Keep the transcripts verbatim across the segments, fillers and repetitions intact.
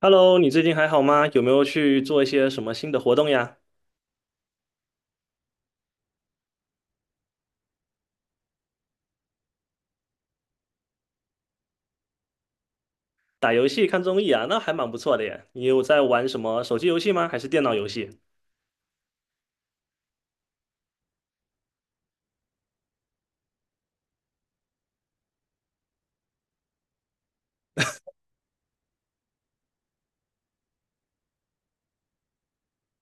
Hello,你最近还好吗？有没有去做一些什么新的活动呀？打游戏、看综艺啊，那还蛮不错的耶。你有在玩什么手机游戏吗？还是电脑游戏？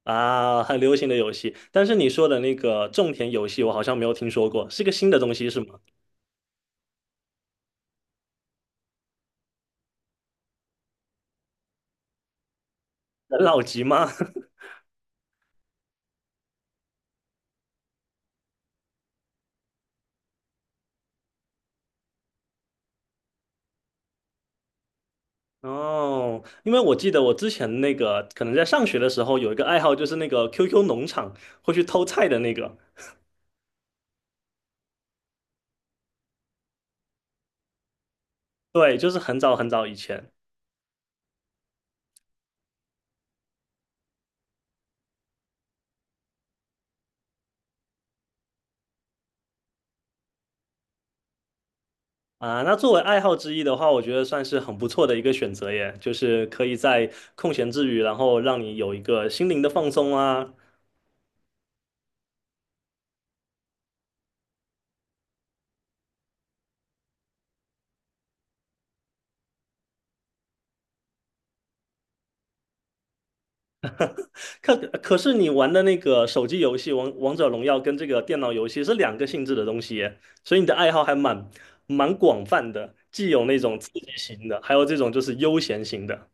啊，很流行的游戏，但是你说的那个种田游戏，我好像没有听说过，是个新的东西是吗？很老级吗？哦，因为我记得我之前那个可能在上学的时候有一个爱好，就是那个 Q Q 农场会去偷菜的那个，对，就是很早很早以前。啊，那作为爱好之一的话，我觉得算是很不错的一个选择耶，就是可以在空闲之余，然后让你有一个心灵的放松啊。可可是你玩的那个手机游戏《王王者荣耀》跟这个电脑游戏是两个性质的东西耶，所以你的爱好还蛮蛮广泛的，既有那种刺激型的，还有这种就是悠闲型的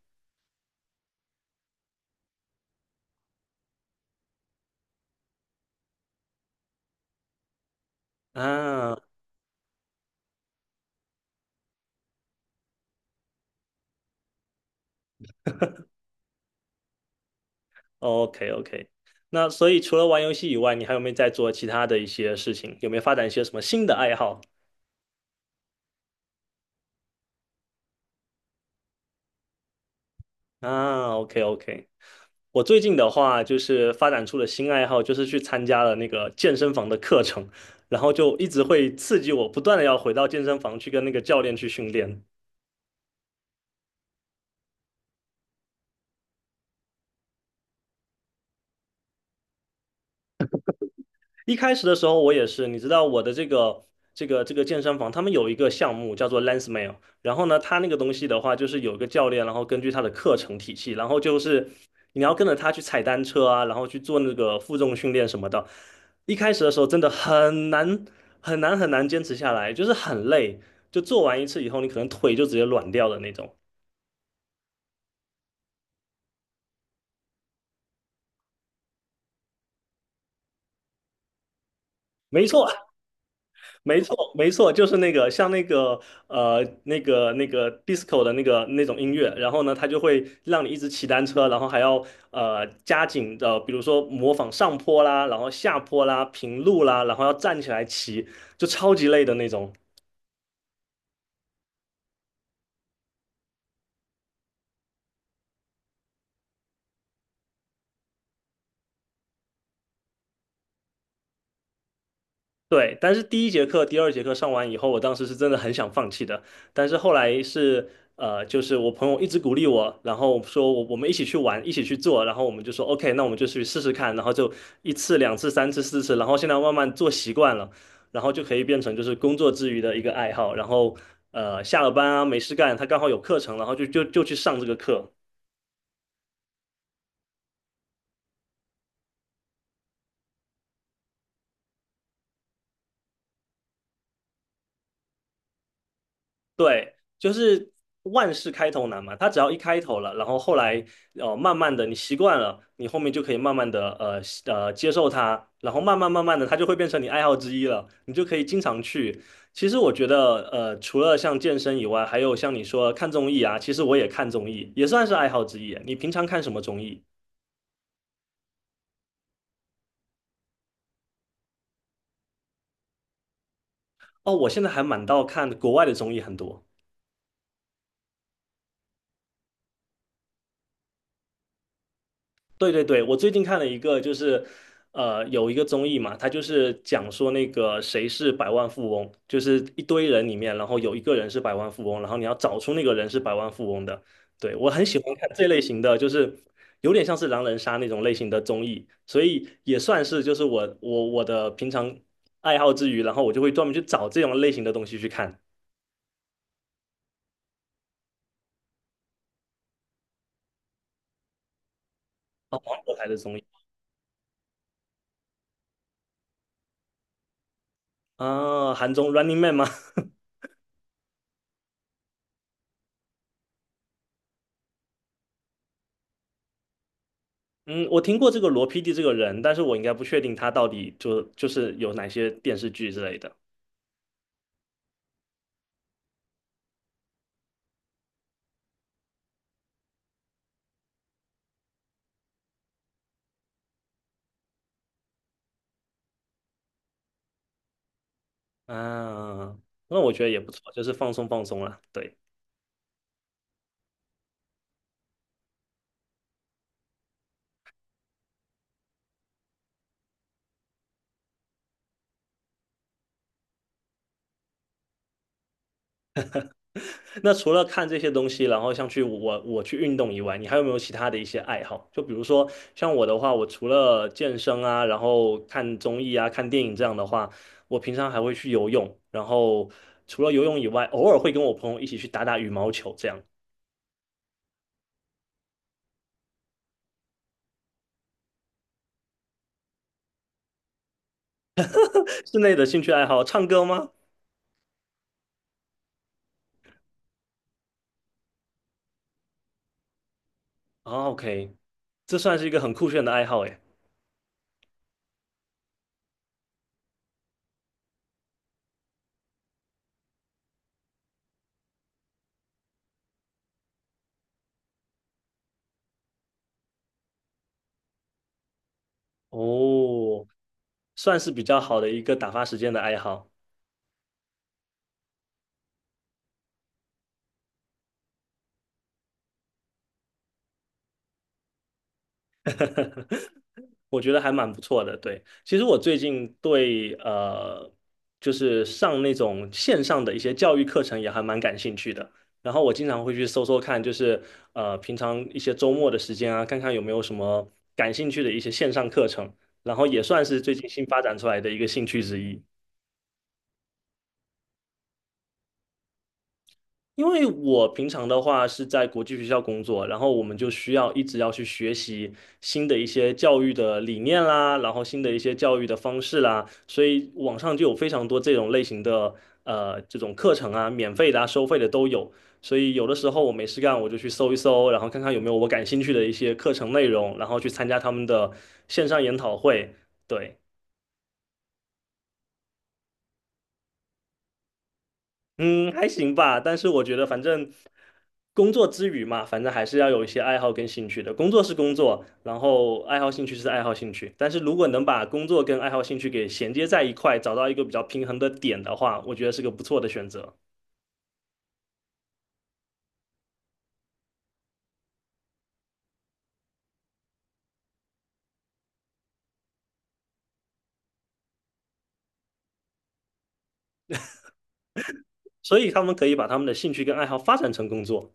啊。OK OK,那所以除了玩游戏以外，你还有没有在做其他的一些事情？有没有发展一些什么新的爱好啊？OK OK。我最近的话，就是发展出了新爱好，就是去参加了那个健身房的课程，然后就一直会刺激我，不断的要回到健身房去跟那个教练去训练。一开始的时候，我也是，你知道我的这个这个这个健身房，他们有一个项目叫做 Lensmail,然后呢，他那个东西的话，就是有一个教练，然后根据他的课程体系，然后就是你要跟着他去踩单车啊，然后去做那个负重训练什么的。一开始的时候真的很难很难很难坚持下来，就是很累，就做完一次以后，你可能腿就直接软掉的那种。没错，没错，没错，就是那个像那个呃那个那个 disco 的那个那种音乐，然后呢，它就会让你一直骑单车，然后还要呃加紧的，比如说模仿上坡啦，然后下坡啦，平路啦，然后要站起来骑，就超级累的那种。对，但是第一节课、第二节课上完以后，我当时是真的很想放弃的，但是后来是呃，就是我朋友一直鼓励我，然后说我我们一起去玩，一起去做，然后我们就说 OK,那我们就去试试看，然后就一次、两次、三次、四次，然后现在慢慢做习惯了，然后就可以变成就是工作之余的一个爱好，然后呃，下了班啊没事干，他刚好有课程，然后就就就去上这个课，对，就是万事开头难嘛，他只要一开头了，然后后来呃慢慢的你习惯了，你后面就可以慢慢的呃习呃接受它，然后慢慢慢慢的它就会变成你爱好之一了，你就可以经常去。其实我觉得呃除了像健身以外，还有像你说看综艺啊，其实我也看综艺，也算是爱好之一。你平常看什么综艺？哦，我现在还蛮到看国外的综艺很多。对对对，我最近看了一个，就是呃，有一个综艺嘛，它就是讲说那个谁是百万富翁，就是一堆人里面，然后有一个人是百万富翁，然后你要找出那个人是百万富翁的。对，我很喜欢看这类型的，就是有点像是狼人杀那种类型的综艺，所以也算是就是我我我的平常爱好之余，然后我就会专门去找这种类型的东西去看。哦，芒果台的综艺啊，韩综《Running Man》吗？嗯，我听过这个罗 P D 这个人，但是我应该不确定他到底就就是有哪些电视剧之类的。啊，那我觉得也不错，就是放松放松啦。对，那除了看这些东西，然后像去我我去运动以外，你还有没有其他的一些爱好？就比如说像我的话，我除了健身啊，然后看综艺啊、看电影这样的话，我平常还会去游泳，然后除了游泳以外，偶尔会跟我朋友一起去打打羽毛球，这样。室内的兴趣爱好，唱歌吗？啊，OK,这算是一个很酷炫的爱好诶。哦，算是比较好的一个打发时间的爱好，我觉得还蛮不错的。对，其实我最近对呃，就是上那种线上的一些教育课程也还蛮感兴趣的。然后我经常会去搜搜看，就是呃，平常一些周末的时间啊，看看有没有什么感兴趣的一些线上课程。然后也算是最近新发展出来的一个兴趣之一。因为我平常的话是在国际学校工作，然后我们就需要一直要去学习新的一些教育的理念啦，然后新的一些教育的方式啦，所以网上就有非常多这种类型的呃这种课程啊，免费的啊，收费的都有。所以有的时候我没事干，我就去搜一搜，然后看看有没有我感兴趣的一些课程内容，然后去参加他们的线上研讨会。对。嗯，还行吧，但是我觉得反正工作之余嘛，反正还是要有一些爱好跟兴趣的。工作是工作，然后爱好兴趣是爱好兴趣。但是如果能把工作跟爱好兴趣给衔接在一块，找到一个比较平衡的点的话，我觉得是个不错的选择。所以他们可以把他们的兴趣跟爱好发展成工作。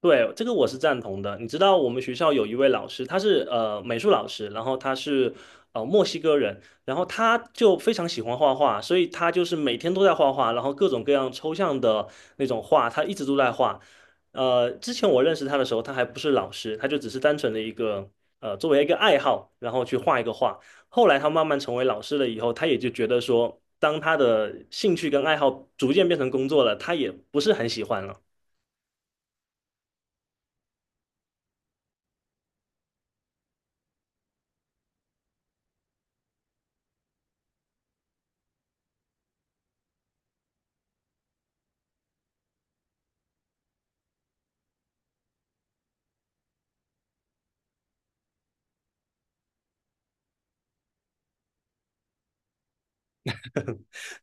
对，这个我是赞同的。你知道我们学校有一位老师，他是呃美术老师，然后他是呃墨西哥人，然后他就非常喜欢画画，所以他就是每天都在画画，然后各种各样抽象的那种画，他一直都在画。呃，之前我认识他的时候，他还不是老师，他就只是单纯的一个呃作为一个爱好，然后去画一个画。后来他慢慢成为老师了以后，他也就觉得说，当他的兴趣跟爱好逐渐变成工作了，他也不是很喜欢了。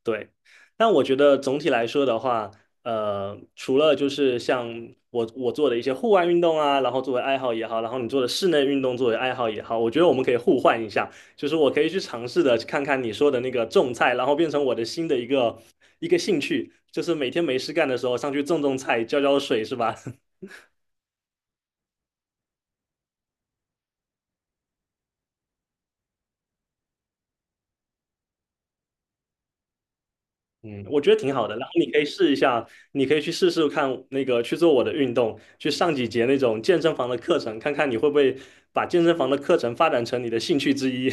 对，但我觉得总体来说的话，呃，除了就是像我我做的一些户外运动啊，然后作为爱好也好，然后你做的室内运动作为爱好也好，我觉得我们可以互换一下，就是我可以去尝试的看看你说的那个种菜，然后变成我的新的一个一个兴趣，就是每天没事干的时候上去种种菜，浇浇水，是吧？嗯，我觉得挺好的。然后你可以试一下，你可以去试试看那个去做我的运动，去上几节那种健身房的课程，看看你会不会把健身房的课程发展成你的兴趣之一。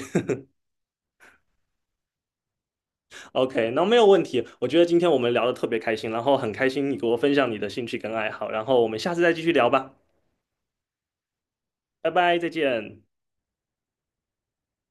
OK,那没有问题。我觉得今天我们聊的特别开心，然后很开心你给我分享你的兴趣跟爱好，然后我们下次再继续聊吧，拜拜，再见。